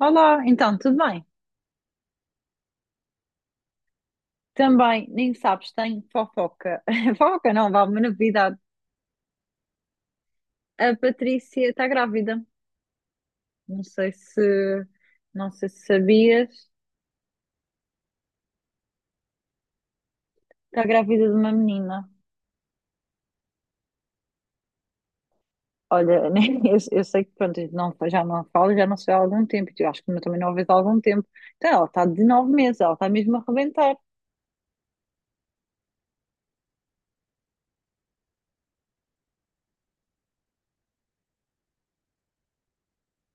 Olá, então tudo bem? Também, nem sabes, tenho fofoca. Fofoca não, vá, uma novidade. A Patrícia está grávida. Não sei se, não sei se sabias, está grávida de uma menina. Olha, eu sei que pronto, eu não, já não falo, já não sei há algum tempo. Eu acho que também não a vejo há algum tempo. Então, ela está de 9 meses, ela está mesmo a arrebentar.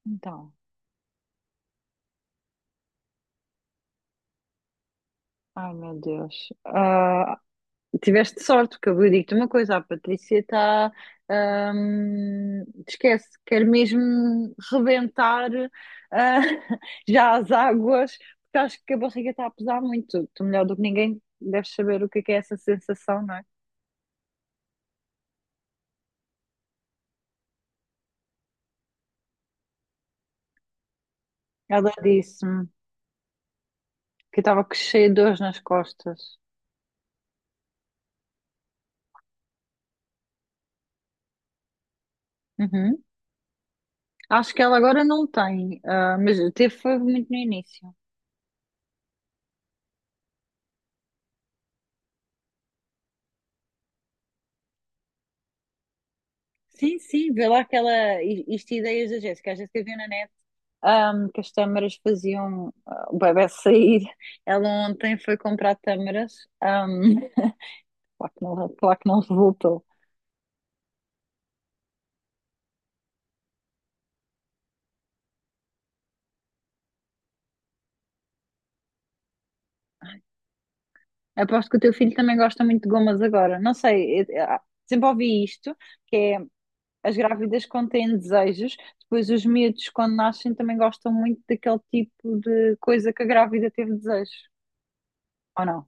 Então, ai meu Deus. Tiveste sorte, porque eu digo-te uma coisa, a Patrícia está. Esquece, quer mesmo rebentar ah, já as águas, porque acho que a barriga está a pesar muito. Tu, melhor do que ninguém, deves saber o que é essa sensação, não é? Ela disse-me que estava cheia de dores nas costas. Uhum. Acho que ela agora não tem, ah, mas teve foi muito no início. Sim, sim, vê lá aquela. Isto ideias da Jéssica. A Jéssica viu na net que as tâmaras faziam o bebé sair. Ela ontem foi comprar tâmaras, ahm, claro que não resultou. Aposto que o teu filho também gosta muito de gomas agora. Não sei, sempre ouvi isto, que é as grávidas contêm desejos, depois os miúdos quando nascem também gostam muito daquele tipo de coisa que a grávida teve desejos, ou não?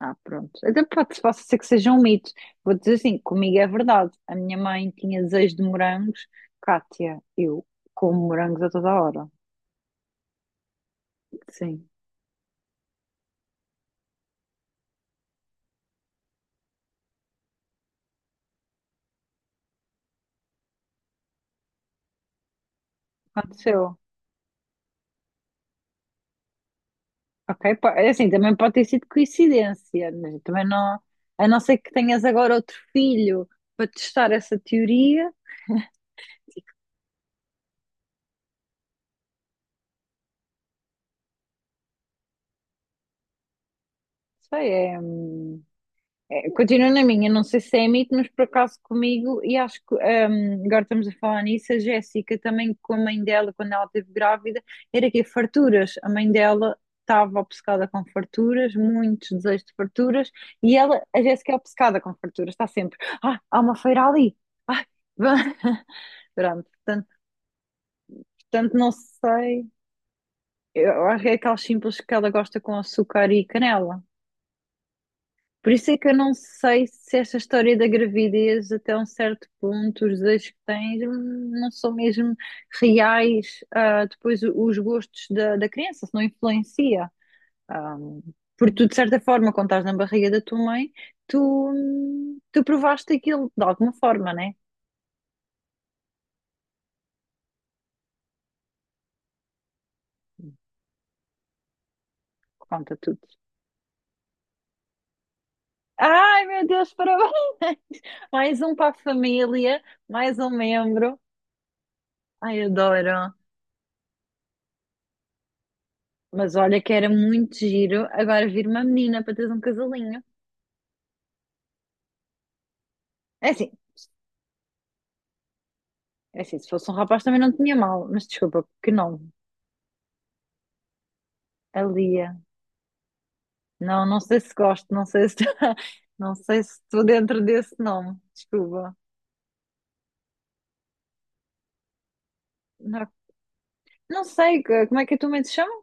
Ah, pronto. Até pode, pode ser que seja um mito. Vou dizer assim, comigo é verdade. A minha mãe tinha desejo de morangos. Cátia, eu como morangos a toda hora. Sim, aconteceu. Ok, é assim, também pode ter sido coincidência, mas também não. A não ser que tenhas agora outro filho para testar essa teoria, sei, é. É, continua na minha, não sei se é mito, mas por acaso comigo, e acho que agora estamos a falar nisso, a Jéssica também, com a mãe dela, quando ela esteve grávida, era que farturas. A mãe dela estava obcecada com farturas, muitos desejos de farturas, e ela, a Jéssica é obcecada com farturas, está sempre, ah, há uma feira ali, ah, pronto, portanto, não sei, eu acho que é aquelas simples que ela gosta com açúcar e canela. Por isso é que eu não sei se esta história da gravidez, até um certo ponto, os desejos que tens não são mesmo reais, depois os gostos da criança, se não influencia. Ah, porque tu, de certa forma, quando estás na barriga da tua mãe, tu, tu provaste aquilo de alguma forma, né? Conta tudo. Ai, meu Deus, parabéns! Mais um para a família, mais um membro. Ai, adoro. Mas olha que era muito giro agora vir uma menina para teres um casalinho. É assim, é assim, se fosse um rapaz também não tinha mal, mas desculpa, que nome? A Lia. Não, não sei se gosto, não sei se não sei se estou dentro desse nome. Desculpa. Não, não sei, como é que a tua mãe se chama?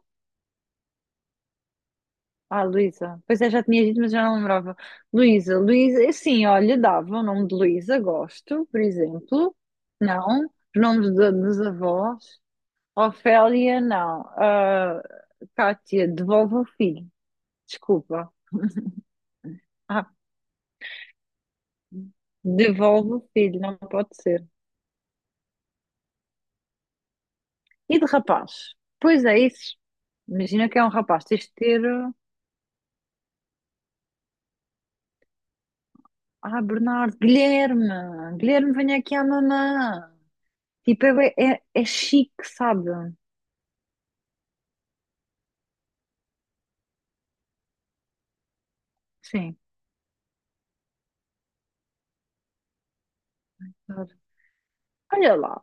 Ah, Luísa. Pois é, já tinha dito, mas já não lembrava. Luísa, sim, olha, dava o nome de Luísa, gosto, por exemplo. Não, os nomes dos avós. Ofélia, não. Ah, Kátia, devolve o filho. Desculpa. Ah, devolve o filho, não pode ser. E de rapaz? Pois é, isso. Imagina que é um rapaz. Tens de ter. Ah, Bernardo, Guilherme. Guilherme, venha aqui à mamã. Tipo, é chique, sabe? Sim. Claro. Olha lá.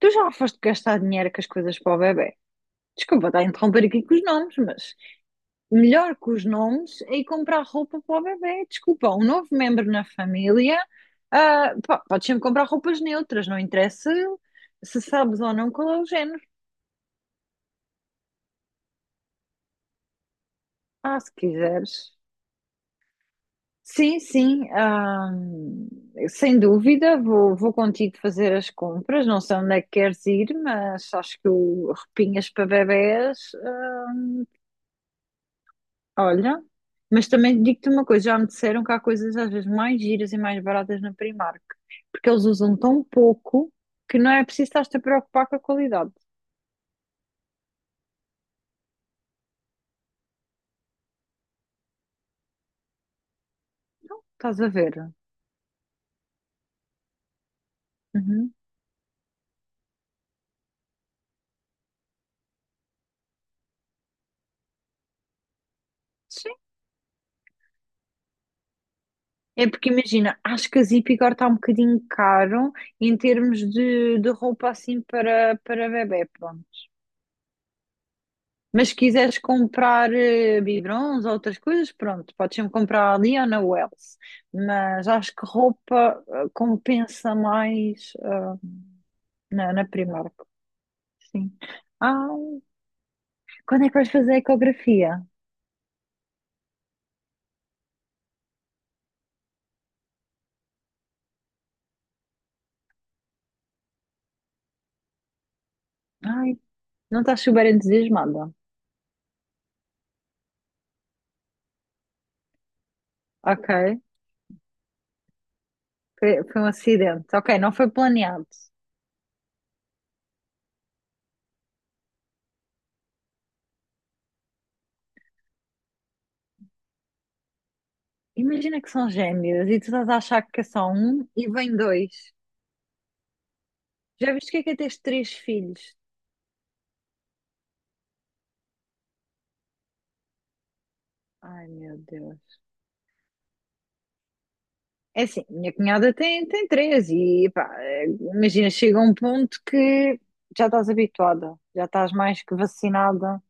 Tu já foste gastar dinheiro com as coisas para o bebê? Desculpa, está a interromper aqui com os nomes, mas. Melhor que os nomes é ir comprar roupa para o bebê. Desculpa, um novo membro na família, ah, pá, podes sempre comprar roupas neutras, não interessa se sabes ou não qual é o género. Ah, se quiseres. Sim, sim, ah, sem dúvida, vou contigo fazer as compras. Não sei onde é que queres ir, mas acho que o roupinhas para bebés ah, olha, mas também digo-te uma coisa, já me disseram que há coisas às vezes mais giras e mais baratas na Primark, porque eles usam tão pouco que não é preciso estar-te a preocupar com a qualidade. Estás a ver? Uhum. Sim. É porque imagina, acho que a Zip agora está um bocadinho caro em termos de roupa assim para bebé, pronto. Mas se quiseres comprar biberons ou outras coisas, pronto, podes sempre comprar ali ou na Wells. Mas acho que roupa compensa mais. Na Primark, sim. Ah, quando é que vais fazer a ecografia? Ai, não estás super entusiasmada. Ok, foi um acidente. Ok, não foi planeado. Imagina que são gêmeos e tu estás a achar que é só um e vem dois. Já viste o que é teres três filhos? Ai, meu Deus. É assim, minha cunhada tem três e pá, imagina, chega um ponto que já estás habituada, já estás mais que vacinada.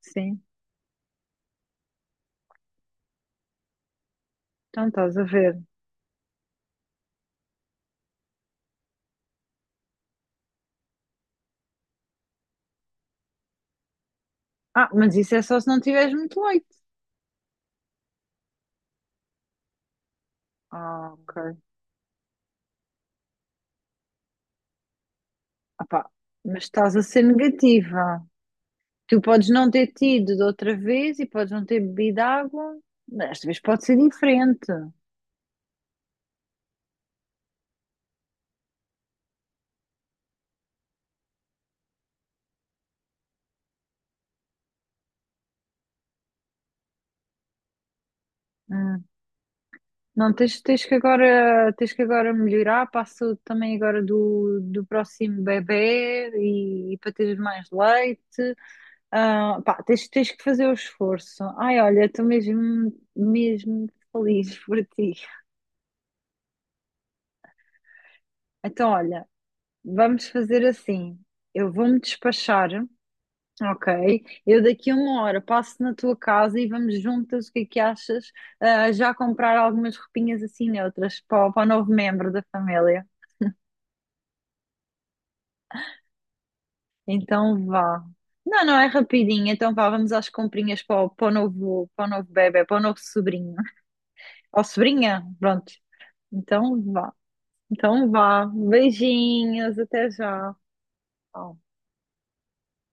Sim, então estás a ver. Ah, mas isso é só se não tiveres muito leite. Ah, ok. Ah, pá, mas estás a ser negativa. Tu podes não ter tido de outra vez e podes não ter bebido água. Desta vez pode ser diferente. Hum. Não, tens que agora melhorar para a saúde também agora do próximo bebê e para teres mais leite. Ah, pá, tens que fazer o esforço. Ai, olha, estou mesmo, mesmo feliz por ti. Então, olha. Vamos fazer assim. Eu vou-me despachar, ok? Eu daqui a uma hora passo na tua casa e vamos juntas, o que é que achas? Ah, já comprar algumas roupinhas assim neutras para, para o novo membro da família. Então vá. Não, não, é rapidinho. Então vá, vamos às comprinhas para o, para o novo bebé, para o novo sobrinho. Ou sobrinha, pronto. Então vá. Então vá. Beijinhos, até já. Tchau.